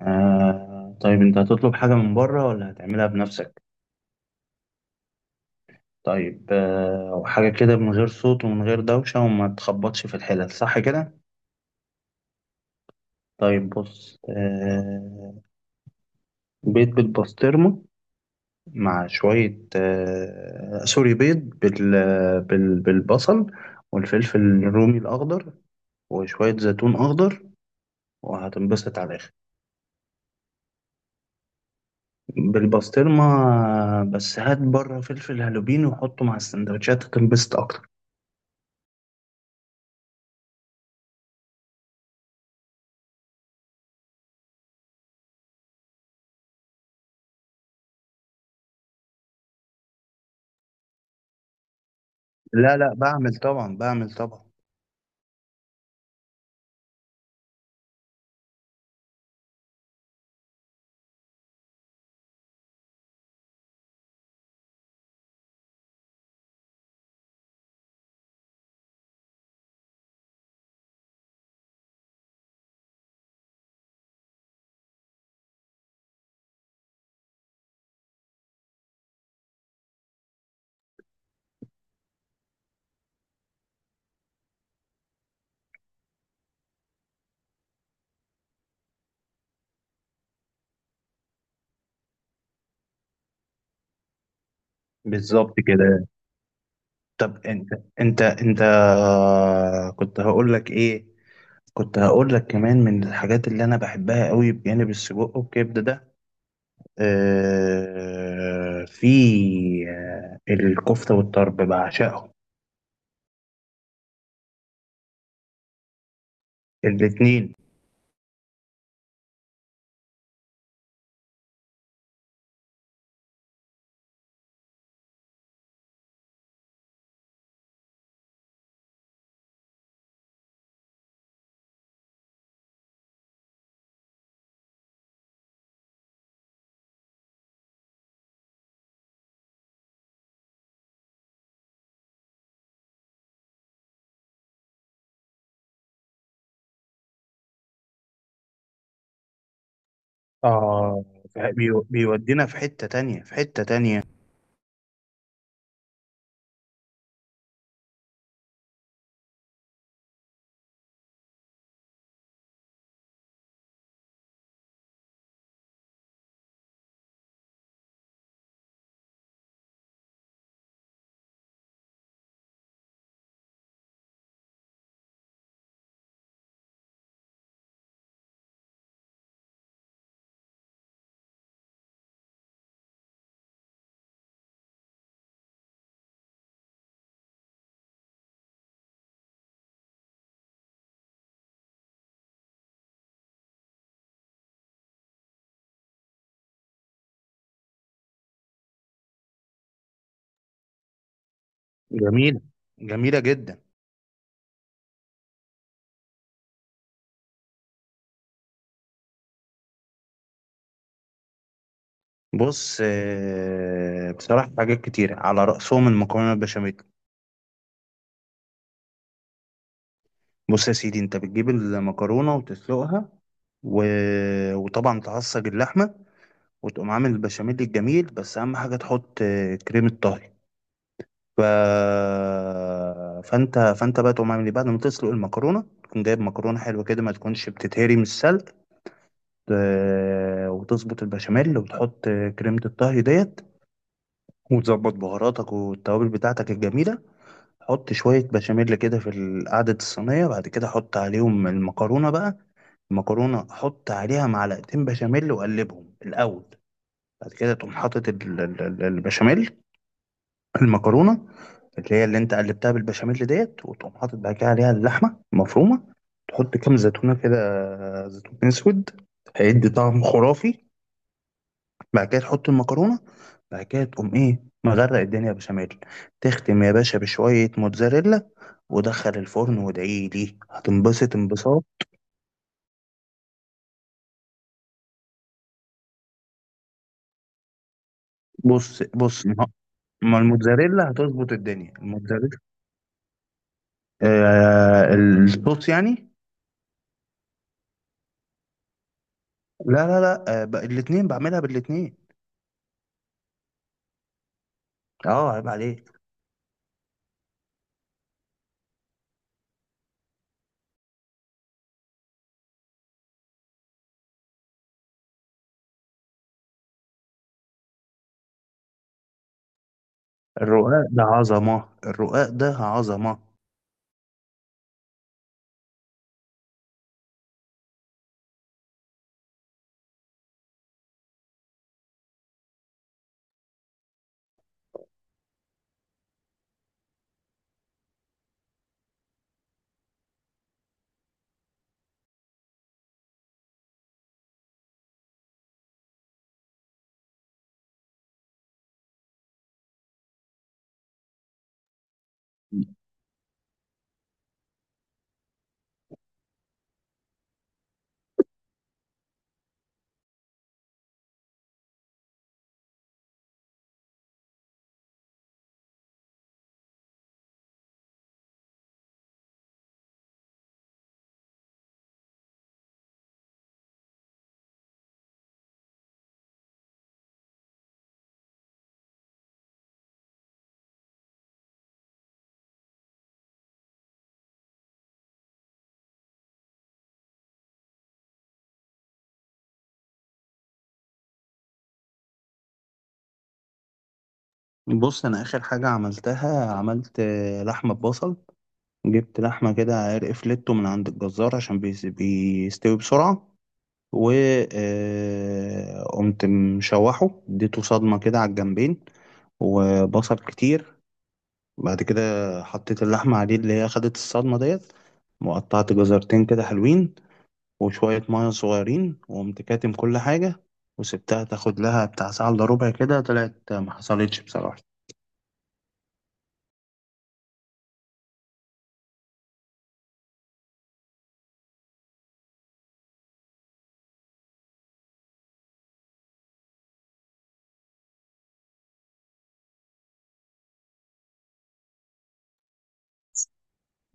آه، طيب انت هتطلب حاجة من بره ولا هتعملها بنفسك؟ طيب آه، وحاجة كده من غير صوت ومن غير دوشة وما تخبطش في الحلل، صح كده. طيب بص آه، بيض بالبسطرمة مع شوية آه سوري بيض بالبصل والفلفل الرومي الأخضر وشوية زيتون أخضر، وهتنبسط على الآخر. بالبسطرمة آه، بس هات بره فلفل هالوبين وحطه مع السندوتشات هتنبسط أكتر. لا لا، بعمل طبعا. بالظبط كده. طب انت انت انت آه، كنت هقول لك ايه. كنت هقول لك كمان من الحاجات اللي انا بحبها قوي بجانب السجق والكبده ده، آه في آه الكفته والطرب بعشقهم الاتنين. اه، بيودينا في حته تانية، في حته تانية. جميله، جميله جدا. بص آه، بصراحه حاجات كتيره على رأسهم المكرونه البشاميل. بص يا سيدي، انت بتجيب المكرونه وتسلقها و... وطبعا تعصج اللحمه، وتقوم عامل البشاميل الجميل، بس اهم حاجه تحط آه، كريمه طهي. ف... فانت فانت بقى تقوم عامل ايه، بعد ما تسلق المكرونه تكون جايب مكرونه حلوه كده ما تكونش بتتهري من السلق. آه، وتظبط البشاميل وتحط آه، كريمه الطهي ديت، وتظبط بهاراتك والتوابل بتاعتك الجميله. حط شويه بشاميل كده في قاعده الصينيه، بعد كده حط عليهم المكرونه بقى. المكرونه حط عليها معلقتين بشاميل وقلبهم الاول، بعد كده تقوم حاطط البشاميل، المكرونه اللي هي اللي انت قلبتها بالبشاميل ديت، وتقوم حاطط بعد كده عليها اللحمه المفرومه. تحط كام زيتونه كده، زيتون اسود، هيدي طعم خرافي. بعد كده تحط المكرونه، بعد كده تقوم ايه مغرق الدنيا بشاميل. تختم يا باشا بشويه موتزاريلا، ودخل الفرن وادعي لي هتنبسط انبساط. بص، ما الموتزاريلا هتظبط الدنيا، الموتزاريلا. آه الصوص يعني. لا لا لا، آه الاثنين، بعملها بالاثنين. اه، عيب عليك. الرقاق ده عظمة، الرقاق ده عظمة. بص انا اخر حاجة عملتها، عملت آه، لحمة ببصل. جبت لحمة كده عرق فليتو من عند الجزار عشان بيستوي بسرعة. و آه، قمت مشوحه اديته صدمة كده على الجنبين وبصل كتير. بعد كده حطيت اللحمة عليه اللي هي خدت الصدمة ديت، وقطعت جزرتين كده حلوين وشوية مية صغيرين، وقمت كاتم كل حاجة وسبتها تاخد لها بتاع ساعة إلا ربع كده، طلعت ما حصلتش بصراحة.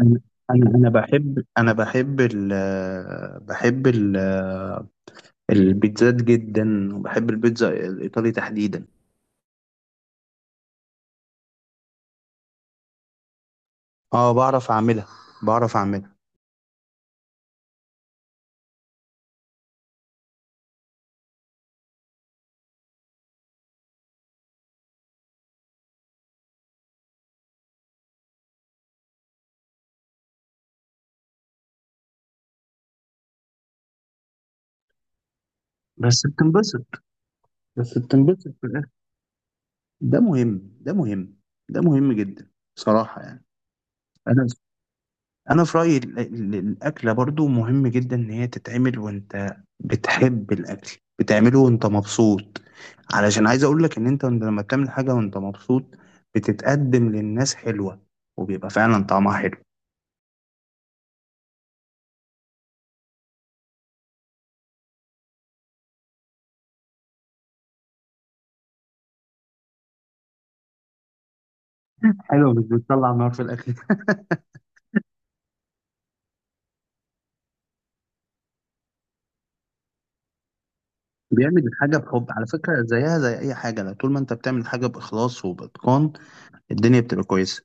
أنا أنا أنا بحب أنا بحب ال بحب ال البيتزات جدا، وبحب البيتزا الإيطالي تحديدا. أه، بعرف أعملها، بعرف أعملها. بس بتنبسط، بس بتنبسط في الآخر، ده مهم، ده مهم، ده مهم جدا بصراحة يعني. انا انا في رايي الاكله برضو مهم جدا ان هي تتعمل، وانت بتحب الاكل بتعمله وانت مبسوط. علشان عايز اقول لك ان انت لما بتعمل حاجه وانت مبسوط، بتتقدم للناس حلوه، وبيبقى فعلا طعمها حلو. حلو، مش بتطلع نار في الاكل. بيعمل الحاجه بحب، على فكره زيها زي اي حاجه، لو طول ما انت بتعمل حاجه باخلاص وباتقان، الدنيا بتبقى كويسه.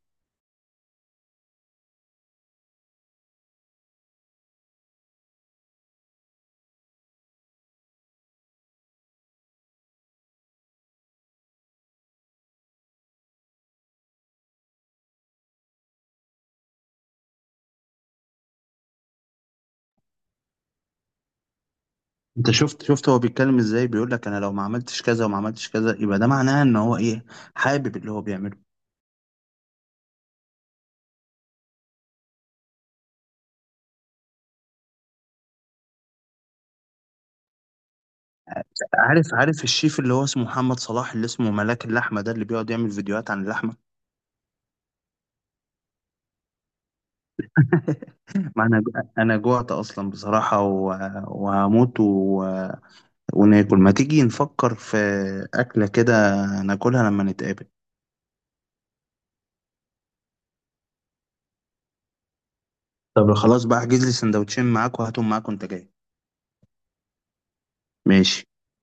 انت شفت هو بيتكلم ازاي؟ بيقول لك انا لو ما عملتش كذا وما عملتش كذا، يبقى ده معناه ان هو ايه، حابب اللي هو بيعمله. عارف الشيف اللي هو اسمه محمد صلاح، اللي اسمه ملاك اللحمة ده، اللي بيقعد يعمل فيديوهات عن اللحمة؟ ما انا جوعت اصلا بصراحة وهموت، وناكل. ما تيجي نفكر في أكلة كده ناكلها لما نتقابل. طب خلاص بقى احجز لي سندوتشين معاك وهاتهم معاك وانت جاي. ماشي.